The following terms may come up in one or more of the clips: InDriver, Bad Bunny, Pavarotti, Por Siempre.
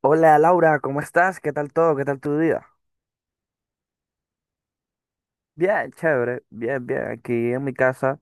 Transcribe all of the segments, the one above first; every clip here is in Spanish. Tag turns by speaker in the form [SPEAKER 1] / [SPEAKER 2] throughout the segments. [SPEAKER 1] Hola Laura, ¿cómo estás? ¿Qué tal todo? ¿Qué tal tu día? Bien, chévere, bien, bien. Aquí en mi casa,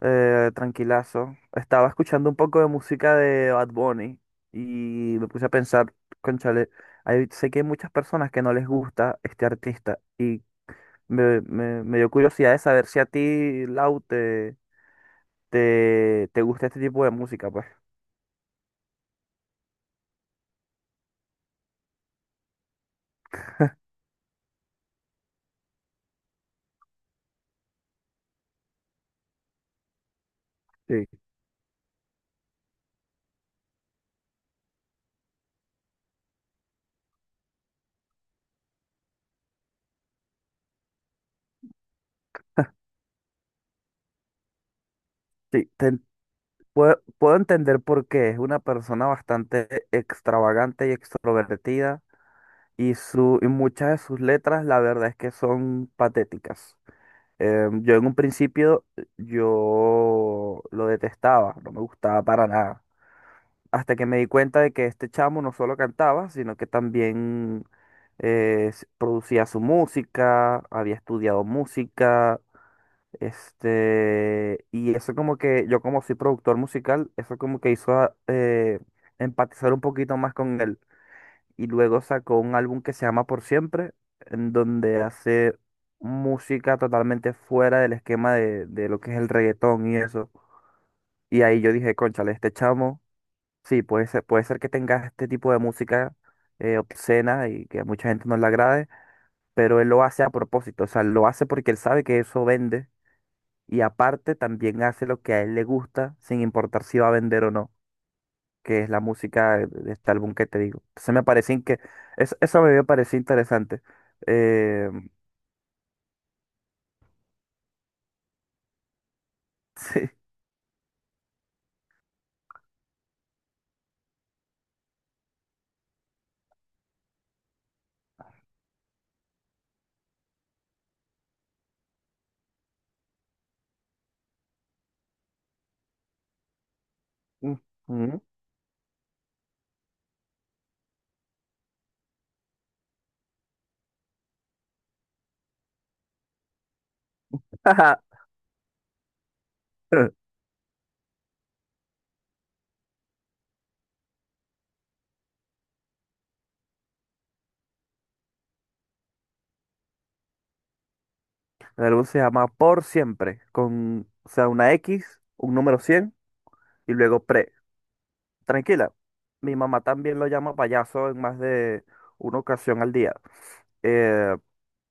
[SPEAKER 1] tranquilazo. Estaba escuchando un poco de música de Bad Bunny y me puse a pensar, cónchale, sé que hay muchas personas que no les gusta este artista y me dio curiosidad de saber si a ti, Lau, te gusta este tipo de música, pues. Sí. Sí, te- puedo entender por qué. Es una persona bastante extravagante y extrovertida. Y muchas de sus letras, la verdad es que son patéticas. Yo en un principio, yo lo detestaba, no me gustaba para nada. Hasta que me di cuenta de que este chamo no solo cantaba, sino que también producía su música, había estudiado música. Este, y eso como que, yo como soy productor musical, eso como que hizo empatizar un poquito más con él, y luego sacó un álbum que se llama Por Siempre, en donde hace música totalmente fuera del esquema de lo que es el reggaetón y eso. Y ahí yo dije, cónchale, este chamo, sí, puede ser que tenga este tipo de música obscena, y que a mucha gente no le agrade, pero él lo hace a propósito, o sea, lo hace porque él sabe que eso vende, y aparte también hace lo que a él le gusta sin importar si va a vender o no, que es la música de este álbum que te digo. Entonces me parece que eso me pareció interesante. Eh, sí. Mm, mm. El álbum se llama Por Siempre, con, o sea, una X, un número 100 y luego pre. Tranquila, mi mamá también lo llama payaso en más de una ocasión al día. Eh,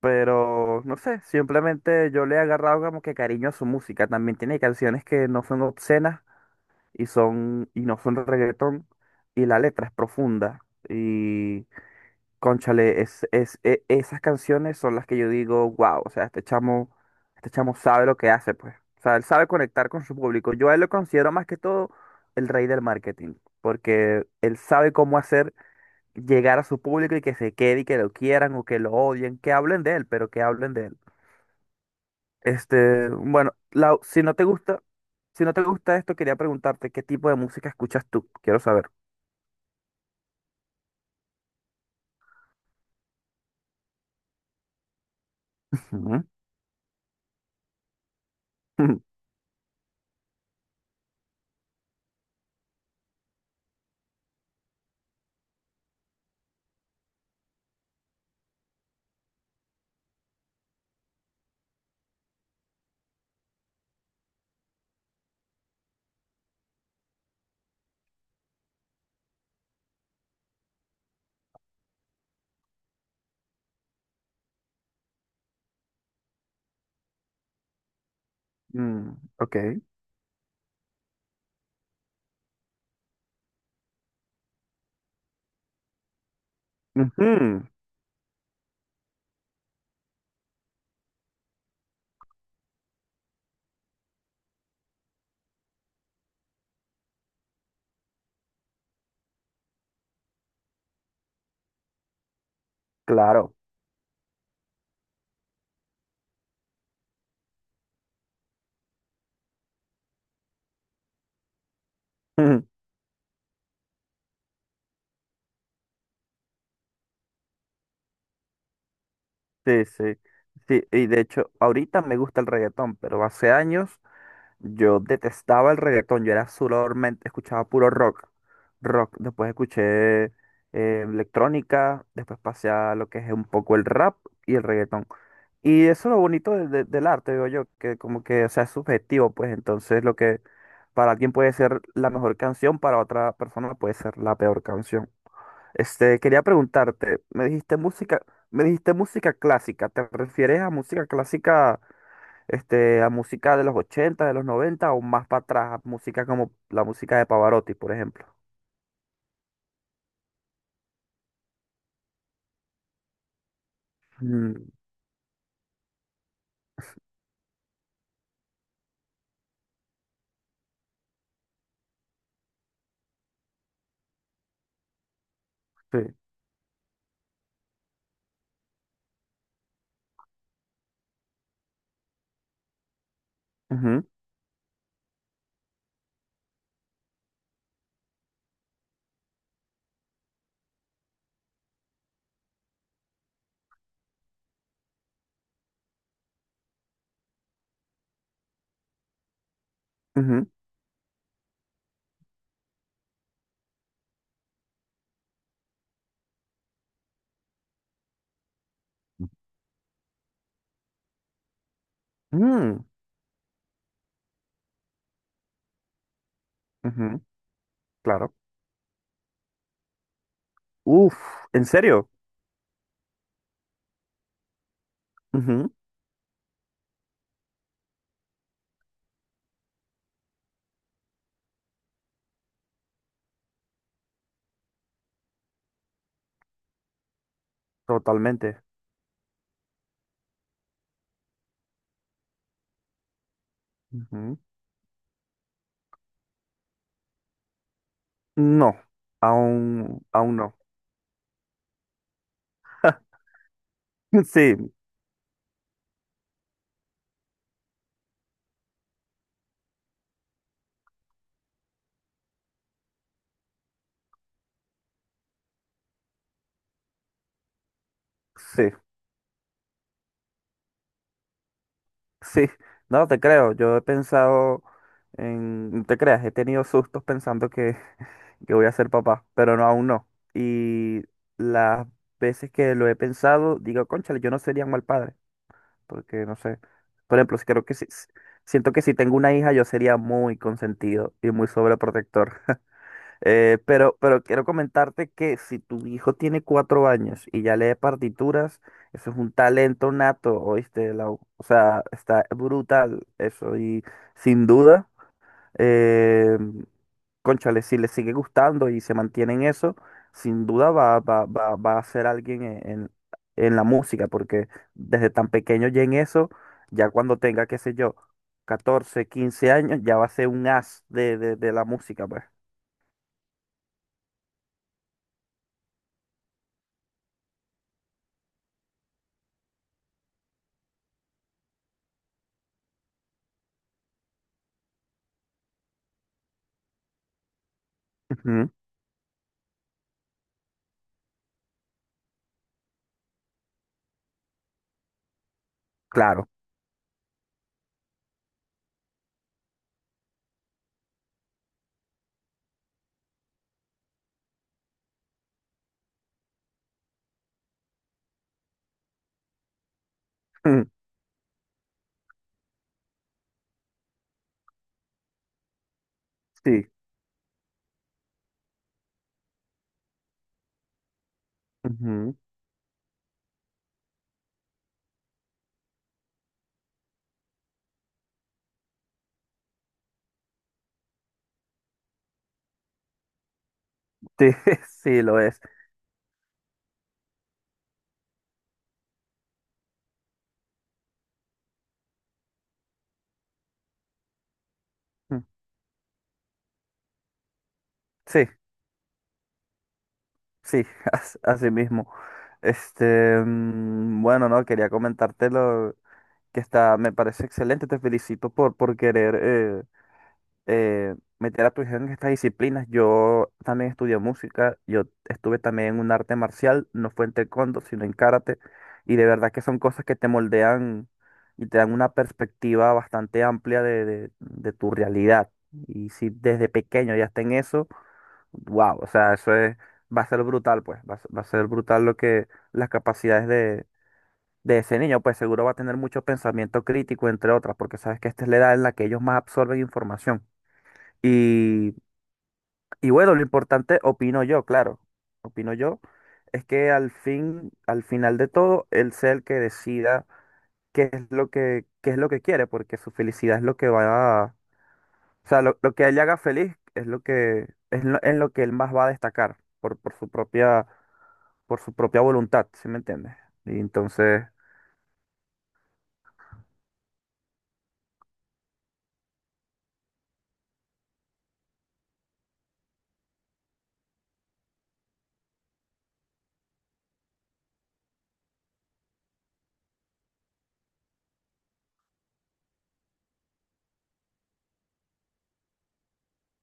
[SPEAKER 1] pero, no sé, simplemente yo le he agarrado como que cariño a su música. También tiene canciones que no son obscenas, y son y no son reggaetón, y la letra es profunda, y cónchale, esas canciones son las que yo digo wow, o sea, este chamo, este chamo sabe lo que hace, pues, o sea, él sabe conectar con su público. Yo a él lo considero más que todo el rey del marketing, porque él sabe cómo hacer llegar a su público, y que se quede, y que lo quieran o que lo odien, que hablen de él, pero que hablen de él. Este, bueno, Lau, si no te gusta, si no te gusta esto, quería preguntarte qué tipo de música escuchas tú, quiero saber. Ujú. Mm, ok. Ujú, claro. Sí, sí. Sí, y de hecho, ahorita me gusta el reggaetón, pero hace años yo detestaba el reggaetón. Yo era solamente, escuchaba puro rock. Rock. Después escuché electrónica, después pasé a lo que es un poco el rap y el reggaetón. Y eso es lo bonito del arte, digo yo, que como que, o sea, es subjetivo, pues entonces lo que para alguien puede ser la mejor canción, para otra persona puede ser la peor canción. Este, quería preguntarte, me dijiste música clásica, ¿te refieres a música clásica, este, a música de los 80, de los 90 o más para atrás, a música como la música de Pavarotti, por ejemplo? Mm, sí. Ujú, ujú. Mm, ujú, claro. Uf, ¿en serio? Ujú, totalmente. Ujú. No, aún no. Sí, sí. Sí, no te creo. Yo he pensado en, no te creas, he tenido sustos pensando que voy a ser papá, pero no, aún no. Y las veces que lo he pensado, digo, cónchale, yo no sería un mal padre, porque no sé. Por ejemplo, creo que siento que si tengo una hija, yo sería muy consentido y muy sobreprotector. Pero quiero comentarte que si tu hijo tiene 4 años y ya lee partituras, eso es un talento nato, ¿oíste, Lau? O sea, está brutal eso. Y sin duda, eh, cónchale, si le sigue gustando y se mantiene en eso, sin duda va a ser alguien en la música, porque desde tan pequeño ya en eso, ya cuando tenga, qué sé yo, 14 15 años, ya va a ser un as de la música, pues. Ujú, claro. Mm, sí, ujú, sí, sí lo es. Mm, sí, sí, así mismo. Este, mm, bueno, no, quería comentártelo que está, me parece excelente, te felicito por querer meter a tu hija en estas disciplinas. Yo también estudié música, yo estuve también en un arte marcial, no fue en taekwondo, sino en karate, y de verdad que son cosas que te moldean y te dan una perspectiva bastante amplia de tu realidad. Y si desde pequeño ya está en eso, wow, o sea, eso es, va a ser brutal, pues, va a ser brutal lo que las capacidades de ese niño, pues seguro va a tener mucho pensamiento crítico, entre otras, porque sabes que esta es la edad en la que ellos más absorben información. Y, y bueno, lo importante, opino yo, claro, opino yo, es que al fin, al final de todo, él sea el que decida qué es lo que, qué es lo que quiere, porque su felicidad es lo que va a, o sea, lo que a él le haga feliz es lo que, es lo, en lo que él más va a destacar por su propia voluntad, ¿sí me entiendes? Y entonces,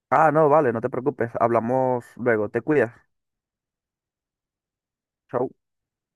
[SPEAKER 1] ah, no, vale, no te preocupes, hablamos luego, te cuidas, chau.